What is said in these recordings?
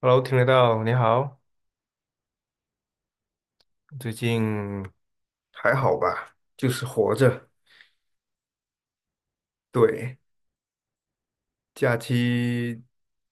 Hello，听得到，你好，最近还好吧？就是活着。对，假期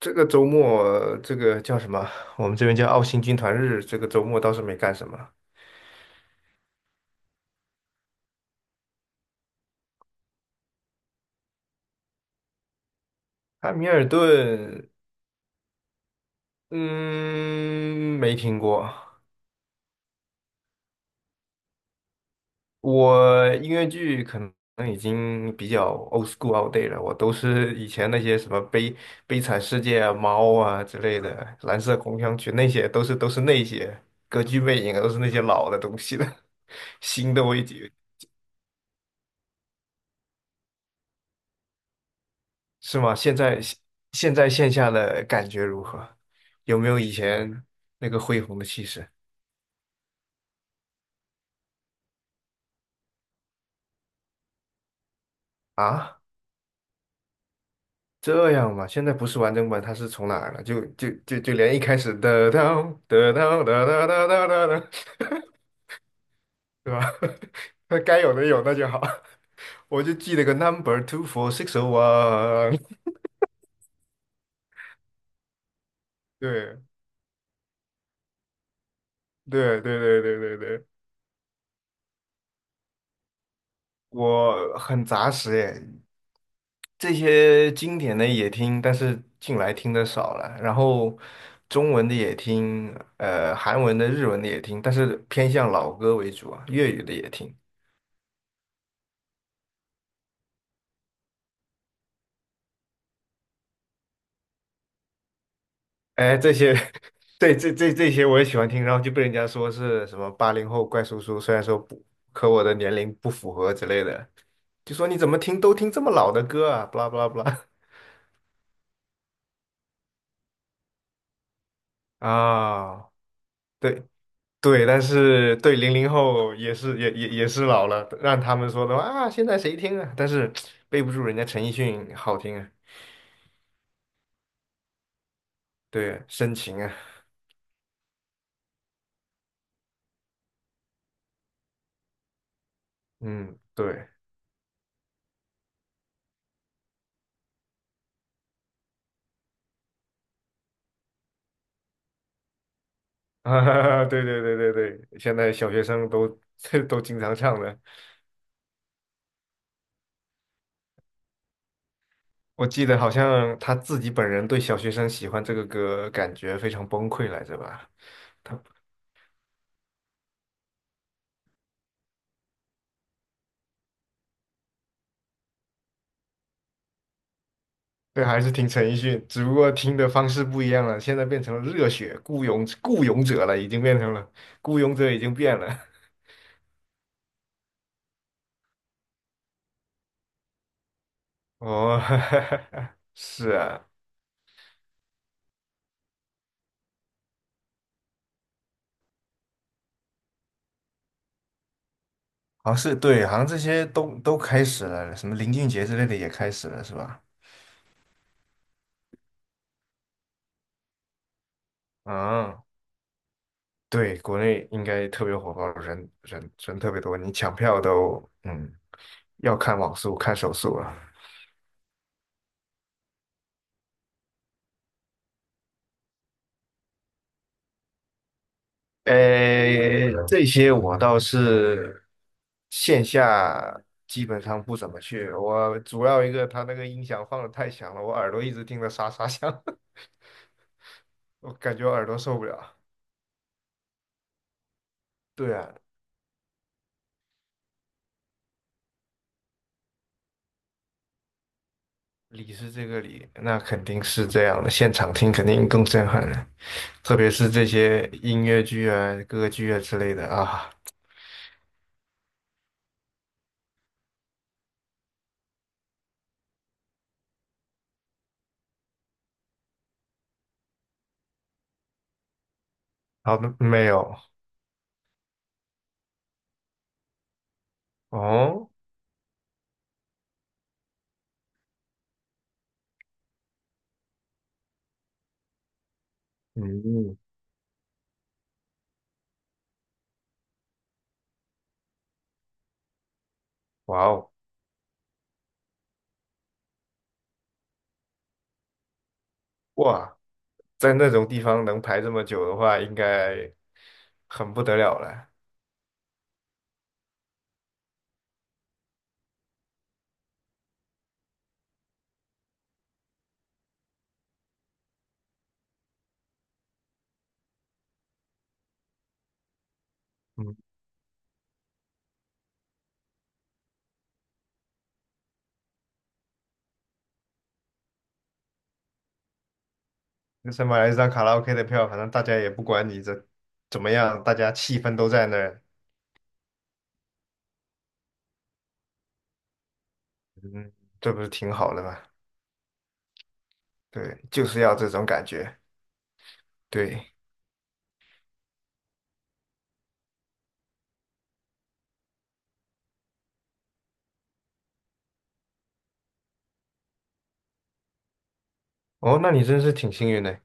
这个周末，这个叫什么？我们这边叫澳新军团日。这个周末倒是没干什么。汉密尔顿，嗯，没听过。我音乐剧可能已经比较 old school o l t day 了，我都是以前那些什么悲惨世界啊、猫啊之类的，蓝色狂想曲那些都是那些歌剧魅影啊，都是那些老的东西了。新的我已经是吗？现在现在线下的感觉如何？有没有以前那个恢宏的气势啊？这样嘛，现在不是完整版，它是从哪儿了？就连一开始的当的当的当的当。 对吧？那该有的有，那就好。我就记了个 number 24601。对对对对对对对，我很杂食耶，这些经典的也听，但是近来听的少了。然后中文的也听，韩文的、日文的也听，但是偏向老歌为主啊，粤语的也听。哎，这些，对，这些我也喜欢听，然后就被人家说是什么80后怪叔叔，虽然说不，可我的年龄不符合之类的。就说你怎么听都听这么老的歌啊，不啦不啦不啦。 啊，对对，但是对00后也是老了，让他们说的话啊，现在谁听啊？但是背不住人家陈奕迅好听啊，对，深情啊，嗯，对。啊，对对对对对，现在小学生都 都经常唱的。我记得好像他自己本人对小学生喜欢这个歌感觉非常崩溃来着吧。他。对，还是听陈奕迅，只不过听的方式不一样了。现在变成了热血雇佣者了，已经变成了雇佣者，已经变了。哦，是啊，好像是对，好像这些都开始了，什么林俊杰之类的也开始了，是吧？嗯，对，国内应该特别火爆，人特别多，你抢票都要看网速，看手速了。这些我倒是线下基本上不怎么去。我主要一个，他那个音响放的太响了，我耳朵一直听着沙沙响，我感觉我耳朵受不了。对啊，理是这个理，那肯定是这样的，现场听肯定更震撼了，特别是这些音乐剧啊、歌剧啊之类的啊。好的，没有哦，嗯，哇哦。哇，在那种地方能排这么久的话，应该很不得了了。嗯，那算买了一张卡拉 OK 的票，反正大家也不管你这怎么样，大家气氛都在那儿。嗯，这不是挺好的吗？对，就是要这种感觉。对，哦，那你真是挺幸运的。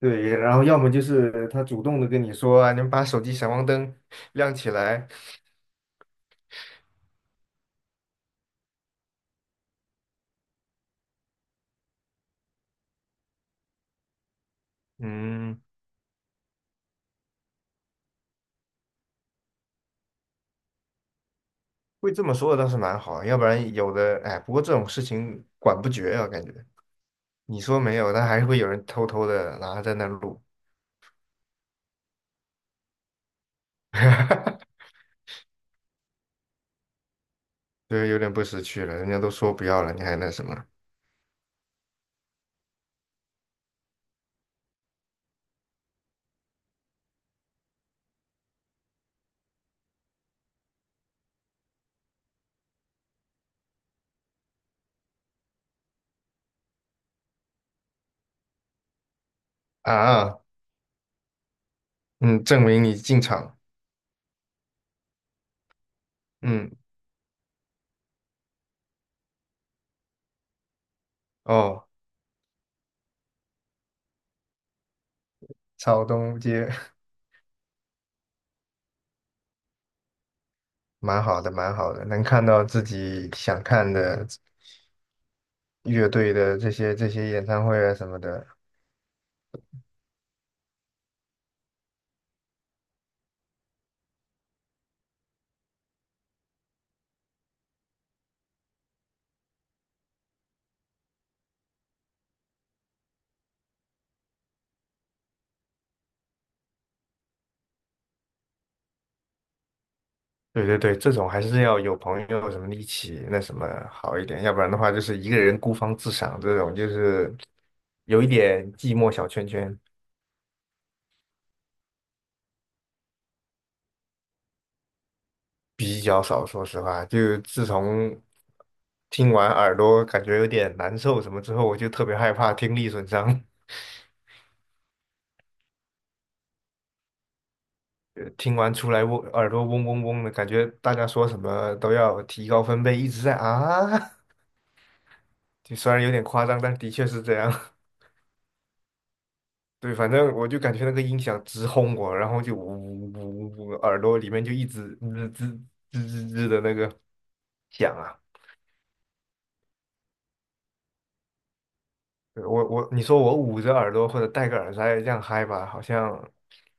对，然后要么就是他主动的跟你说啊，你们把手机闪光灯亮起来。嗯，会这么说的倒是蛮好，要不然有的，哎，不过这种事情管不绝啊，感觉。你说没有，但还是会有人偷偷的拿在那录。就是有点不识趣了。人家都说不要了，你还那什么啊？嗯，证明你进场。嗯，哦，草东街。 蛮好的，蛮好的，能看到自己想看的乐队的这些演唱会啊什么的。对对对，这种还是要有朋友什么的一起那什么好一点，要不然的话就是一个人孤芳自赏，这种就是有一点寂寞小圈圈。比较少，说实话，就自从听完耳朵感觉有点难受什么之后，我就特别害怕听力损伤。听完出来嗡耳朵嗡嗡嗡的感觉，大家说什么都要提高分贝，一直在啊。就虽然有点夸张，但的确是这样。对，反正我就感觉那个音响直轰我，然后就呜呜呜，呜，呜耳朵里面就一直吱吱吱吱吱的那个响啊。我你说我捂着耳朵或者戴个耳塞这样嗨吧，好像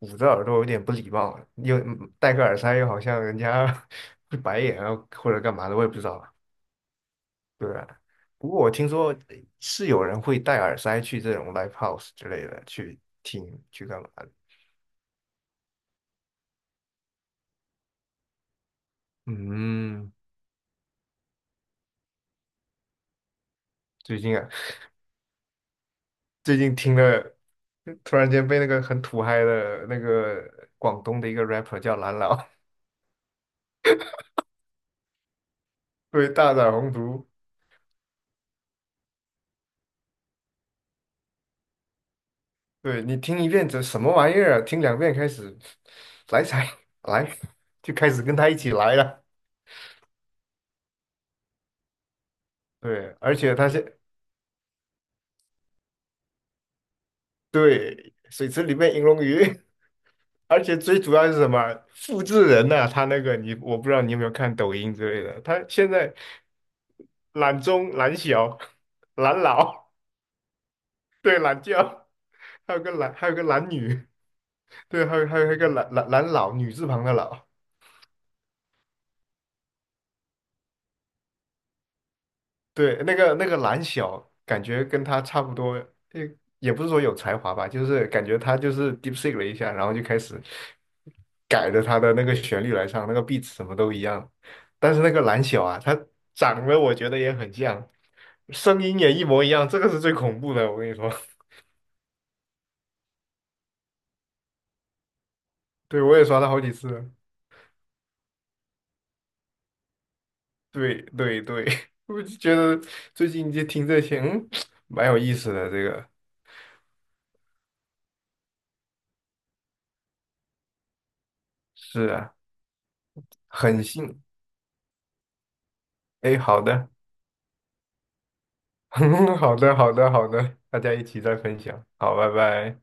捂着耳朵有点不礼貌，又戴个耳塞又好像人家 会白眼啊或者干嘛的，我也不知道啊。对啊，不过我听说是有人会戴耳塞去这种 live house 之类的去听去干嘛的。嗯，最近啊，最近听了，突然间被那个很土嗨的那个广东的一个 rapper 叫蓝老。对大展宏图，对你听一遍这什么玩意儿啊？听两遍开始来才来，就开始跟他一起来了。对，而且他是对水池里面银龙鱼，而且最主要是什么？复制人呐、他那个你我不知道你有没有看抖音之类的，他现在懒中、懒小、懒老，对，懒觉，还有个懒，还有个懒女，对，还有还有一个懒老，女字旁的老。对，那个蓝小，感觉跟他差不多，也不是说有才华吧，就是感觉他就是 DeepSeek 了一下，然后就开始改着他的那个旋律来唱，那个 beat 什么都一样。但是那个蓝小啊，他长得我觉得也很像，声音也一模一样，这个是最恐怖的，我跟你说。对，我也刷了好几次了。对对对，我就觉得最近就听这些，嗯，蛮有意思的。这个是啊，很新。哎，好的。好的，好的，好的，大家一起再分享。好，拜拜。